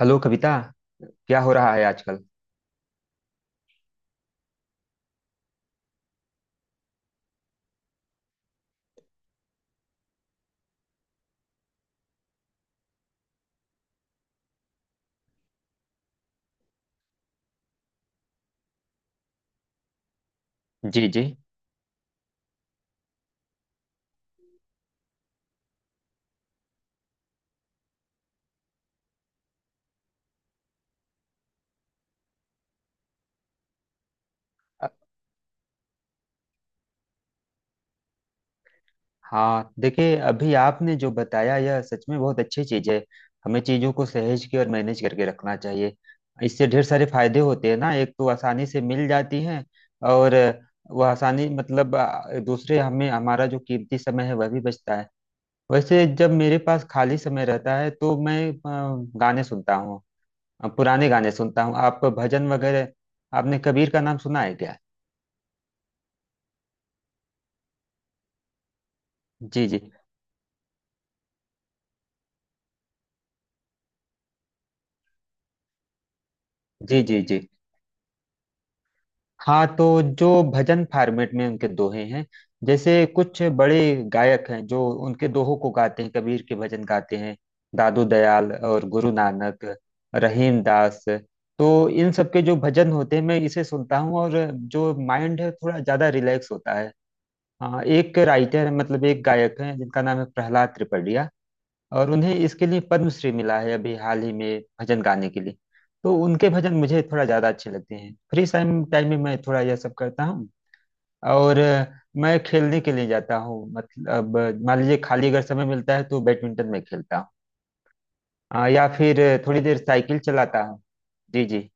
Hello Kavita. क्या हो रहा है आजकल? जी जी। अ- हाँ, देखिए अभी आपने जो बताया यह सच में बहुत अच्छी चीज है। हमें चीजों को सहेज के और मैनेज करके रखना चाहिए। इससे ढेर सारे फायदे होते हैं ना, एक तो आसानी से मिल जाती हैं। और वह आसानी मतलब दूसरे हमें हमारा जो कीमती समय है वह भी बचता है। वैसे जब मेरे पास खाली समय रहता है तो मैं गाने सुनता हूँ। पुराने गाने सुनता हूँ, आप भजन वगैरह? आपने कबीर का नाम सुना है क्या? जी जी जी। जी जी। हाँ, तो जो भजन फॉर्मेट में उनके दोहे हैं, जैसे कुछ बड़े गायक हैं जो उनके दोहों को गाते हैं, कबीर के भजन गाते हैं। दादू दयाल और गुरु नानक, रहीम दास। तो इन सब के जो भजन होते हैं मैं इसे सुनता हूँ, और जो माइंड है थोड़ा ज्यादा रिलैक्स होता है। हाँ, एक राइटर है मतलब एक गायक है जिनका नाम है प्रहलाद त्रिपाठिया, और उन्हें इसके लिए पद्मश्री मिला है अभी हाल ही में भजन गाने के लिए। तो उनके भजन मुझे थोड़ा ज़्यादा अच्छे लगते हैं। फ्री टाइम टाइम में मैं थोड़ा यह सब करता हूँ। और मैं खेलने के लिए जाता हूँ मतलब मान लीजिए, खाली अगर समय मिलता है तो बैडमिंटन में खेलता हूँ। या फिर थोड़ी देर साइकिल चलाता हूँ। जी जी।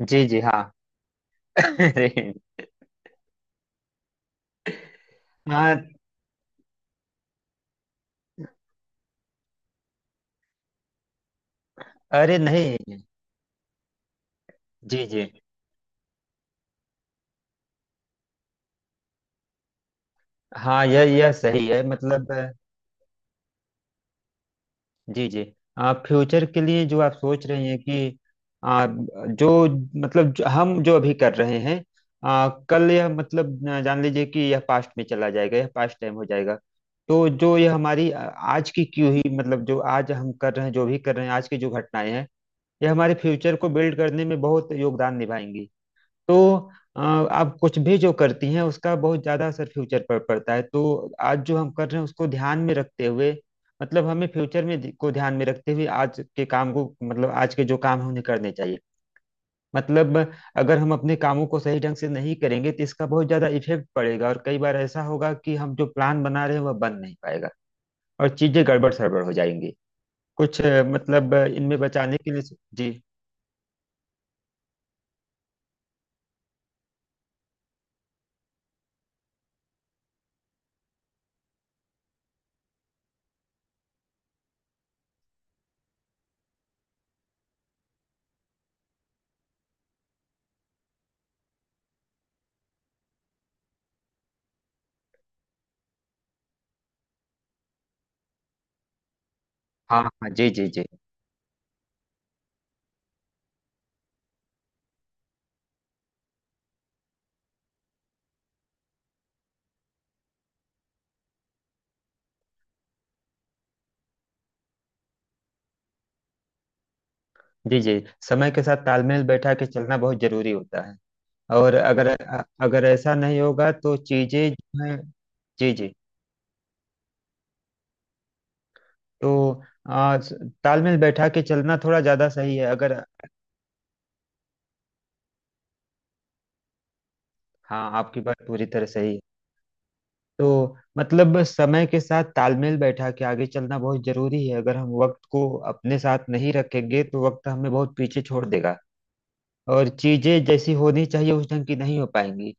जी जी। हाँ। अरे। हाँ। अरे नहीं। जी जी। हाँ, यह सही है मतलब। जी जी। आप फ्यूचर के लिए जो आप सोच रहे हैं कि आप जो मतलब जो हम जो अभी कर रहे हैं, कल यह मतलब जान लीजिए कि यह पास्ट में चला जाएगा, यह पास्ट टाइम हो जाएगा। तो जो यह हमारी आज की क्यों ही मतलब जो आज हम कर रहे हैं, जो भी कर रहे हैं, आज की जो घटनाएं हैं, यह हमारे फ्यूचर को बिल्ड करने में बहुत योगदान निभाएंगी। तो आप कुछ भी जो करती हैं उसका बहुत ज्यादा असर फ्यूचर पर पड़ता है। तो आज जो हम कर रहे हैं उसको ध्यान में रखते हुए मतलब हमें फ्यूचर में को ध्यान में रखते हुए आज के काम को मतलब आज के जो काम हैं उन्हें करने चाहिए। मतलब अगर हम अपने कामों को सही ढंग से नहीं करेंगे तो इसका बहुत ज्यादा इफेक्ट पड़ेगा, और कई बार ऐसा होगा कि हम जो प्लान बना रहे हैं वह बन नहीं पाएगा, और चीजें गड़बड़ सड़बड़ हो जाएंगी। कुछ मतलब इनमें बचाने के लिए। जी। हाँ हाँ। जी जी जी। जी जी। समय के साथ तालमेल बैठा के चलना बहुत जरूरी होता है। और अगर ऐसा नहीं होगा तो चीजें जो हैं। जी जी। तो आ, स- तालमेल बैठा के चलना थोड़ा ज्यादा सही है अगर। हाँ, आपकी बात पूरी तरह सही है। तो मतलब समय के साथ तालमेल बैठा के आगे चलना बहुत जरूरी है। अगर हम वक्त को अपने साथ नहीं रखेंगे तो वक्त हमें बहुत पीछे छोड़ देगा, और चीजें जैसी होनी चाहिए उस ढंग की नहीं हो पाएंगी।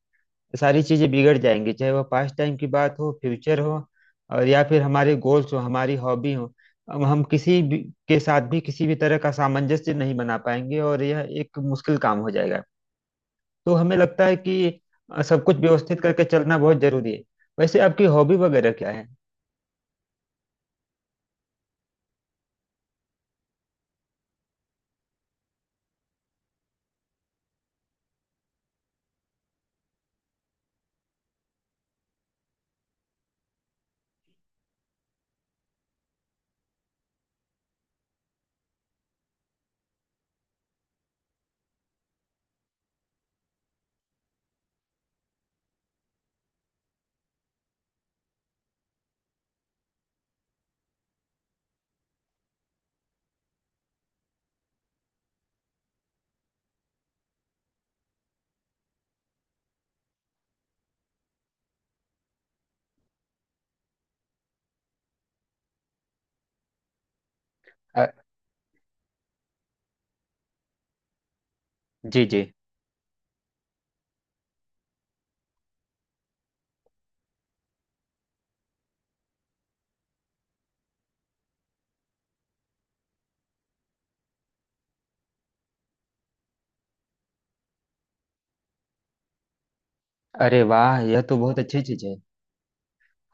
तो सारी चीजें बिगड़ जाएंगी, चाहे वह पास्ट टाइम की बात हो, फ्यूचर हो, और या फिर हमारे गोल्स हो, हमारी हॉबी हो। अब हम किसी भी के साथ भी किसी भी तरह का सामंजस्य नहीं बना पाएंगे, और यह एक मुश्किल काम हो जाएगा। तो हमें लगता है कि सब कुछ व्यवस्थित करके चलना बहुत जरूरी है। वैसे आपकी हॉबी वगैरह क्या है? अ, जी जी। अरे वाह, यह तो बहुत अच्छी चीज है।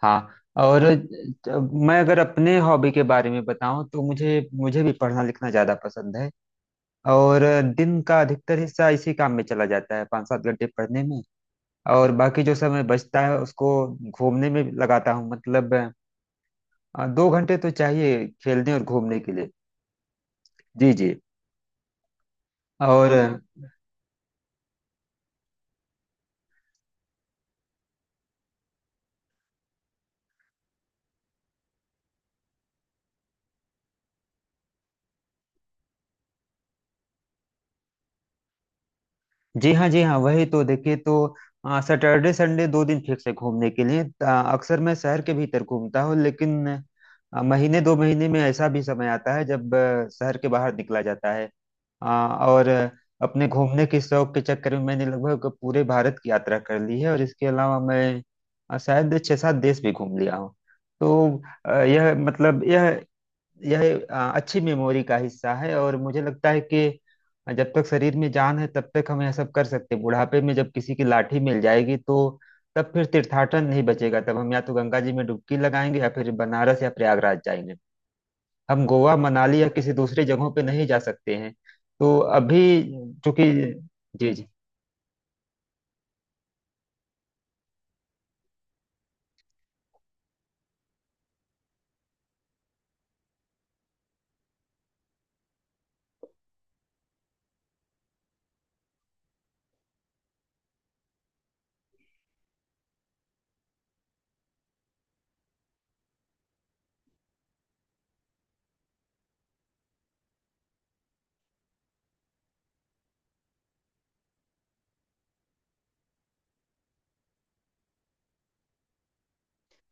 हाँ। और मैं अगर अपने हॉबी के बारे में बताऊं तो मुझे मुझे भी पढ़ना लिखना ज्यादा पसंद है। और दिन का अधिकतर हिस्सा इसी काम में चला जाता है, 5-7 घंटे पढ़ने में। और बाकी जो समय बचता है उसको घूमने में लगाता हूँ मतलब 2 घंटे तो चाहिए खेलने और घूमने के लिए। जी जी। और जी हाँ जी हाँ, वही तो देखिए। तो सैटरडे संडे 2 दिन फिक्स है घूमने के लिए। अक्सर मैं शहर के भीतर घूमता हूँ, लेकिन महीने 2 महीने में ऐसा भी समय आता है जब शहर के बाहर निकला जाता है। हाँ, और अपने घूमने के शौक के चक्कर में मैंने लगभग पूरे भारत की यात्रा कर ली है, और इसके अलावा मैं शायद छह सात देश भी घूम लिया हूँ। तो यह मतलब यह अच्छी मेमोरी का हिस्सा है। और मुझे लगता है कि जब तक शरीर में जान है तब तक हम यह सब कर सकते हैं। बुढ़ापे में जब किसी की लाठी मिल जाएगी तो तब फिर तीर्थाटन नहीं बचेगा। तब हम या तो गंगा जी में डुबकी लगाएंगे या फिर बनारस या प्रयागराज जाएंगे। हम गोवा मनाली या किसी दूसरी जगहों पे नहीं जा सकते हैं। तो अभी चूंकि। जी जी।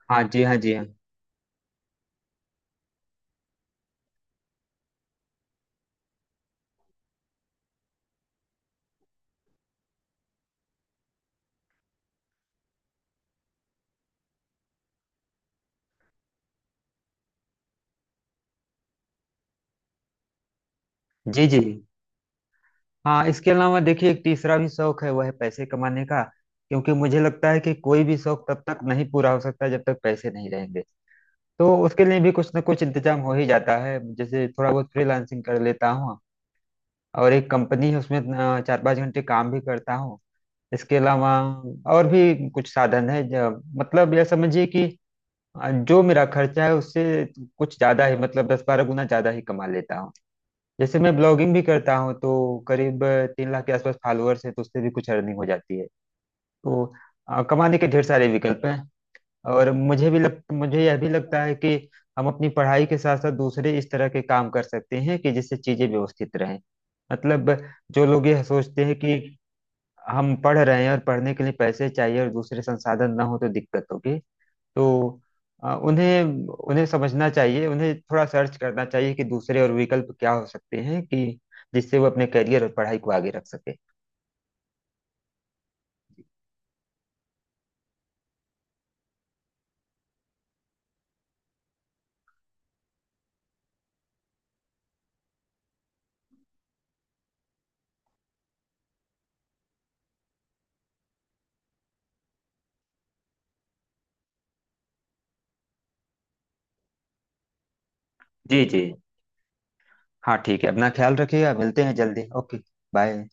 हाँ जी हाँ, जी हाँ। जी जी। हाँ, इसके अलावा देखिए एक तीसरा भी शौक है, वह है पैसे कमाने का, क्योंकि मुझे लगता है कि कोई भी शौक तब तक नहीं पूरा हो सकता जब तक पैसे नहीं रहेंगे। तो उसके लिए भी कुछ ना कुछ इंतजाम हो ही जाता है, जैसे थोड़ा बहुत फ्रीलांसिंग कर लेता हूँ, और एक कंपनी है उसमें 4-5 घंटे काम भी करता हूँ। इसके अलावा और भी कुछ साधन है, जो मतलब यह समझिए कि जो मेरा खर्चा है उससे कुछ ज्यादा ही मतलब 10-12 गुना ज्यादा ही कमा लेता हूँ। जैसे मैं ब्लॉगिंग भी करता हूँ तो करीब 3 लाख के आसपास फॉलोअर्स है, तो उससे भी कुछ अर्निंग हो जाती है। तो कमाने के ढेर सारे विकल्प हैं। और मुझे यह भी लगता है कि हम अपनी पढ़ाई के साथ साथ दूसरे इस तरह के काम कर सकते हैं कि जिससे चीजें व्यवस्थित रहें। मतलब जो लोग ये सोचते हैं कि हम पढ़ रहे हैं और पढ़ने के लिए पैसे चाहिए और दूसरे संसाधन ना हो तो दिक्कत होगी, तो अ, उन्हें उन्हें समझना चाहिए, उन्हें थोड़ा सर्च करना चाहिए कि दूसरे और विकल्प क्या हो सकते हैं, कि जिससे वो अपने करियर और पढ़ाई को आगे रख सके। जी जी। हाँ, ठीक है, अपना ख्याल रखिएगा, मिलते हैं जल्दी। Okay bye.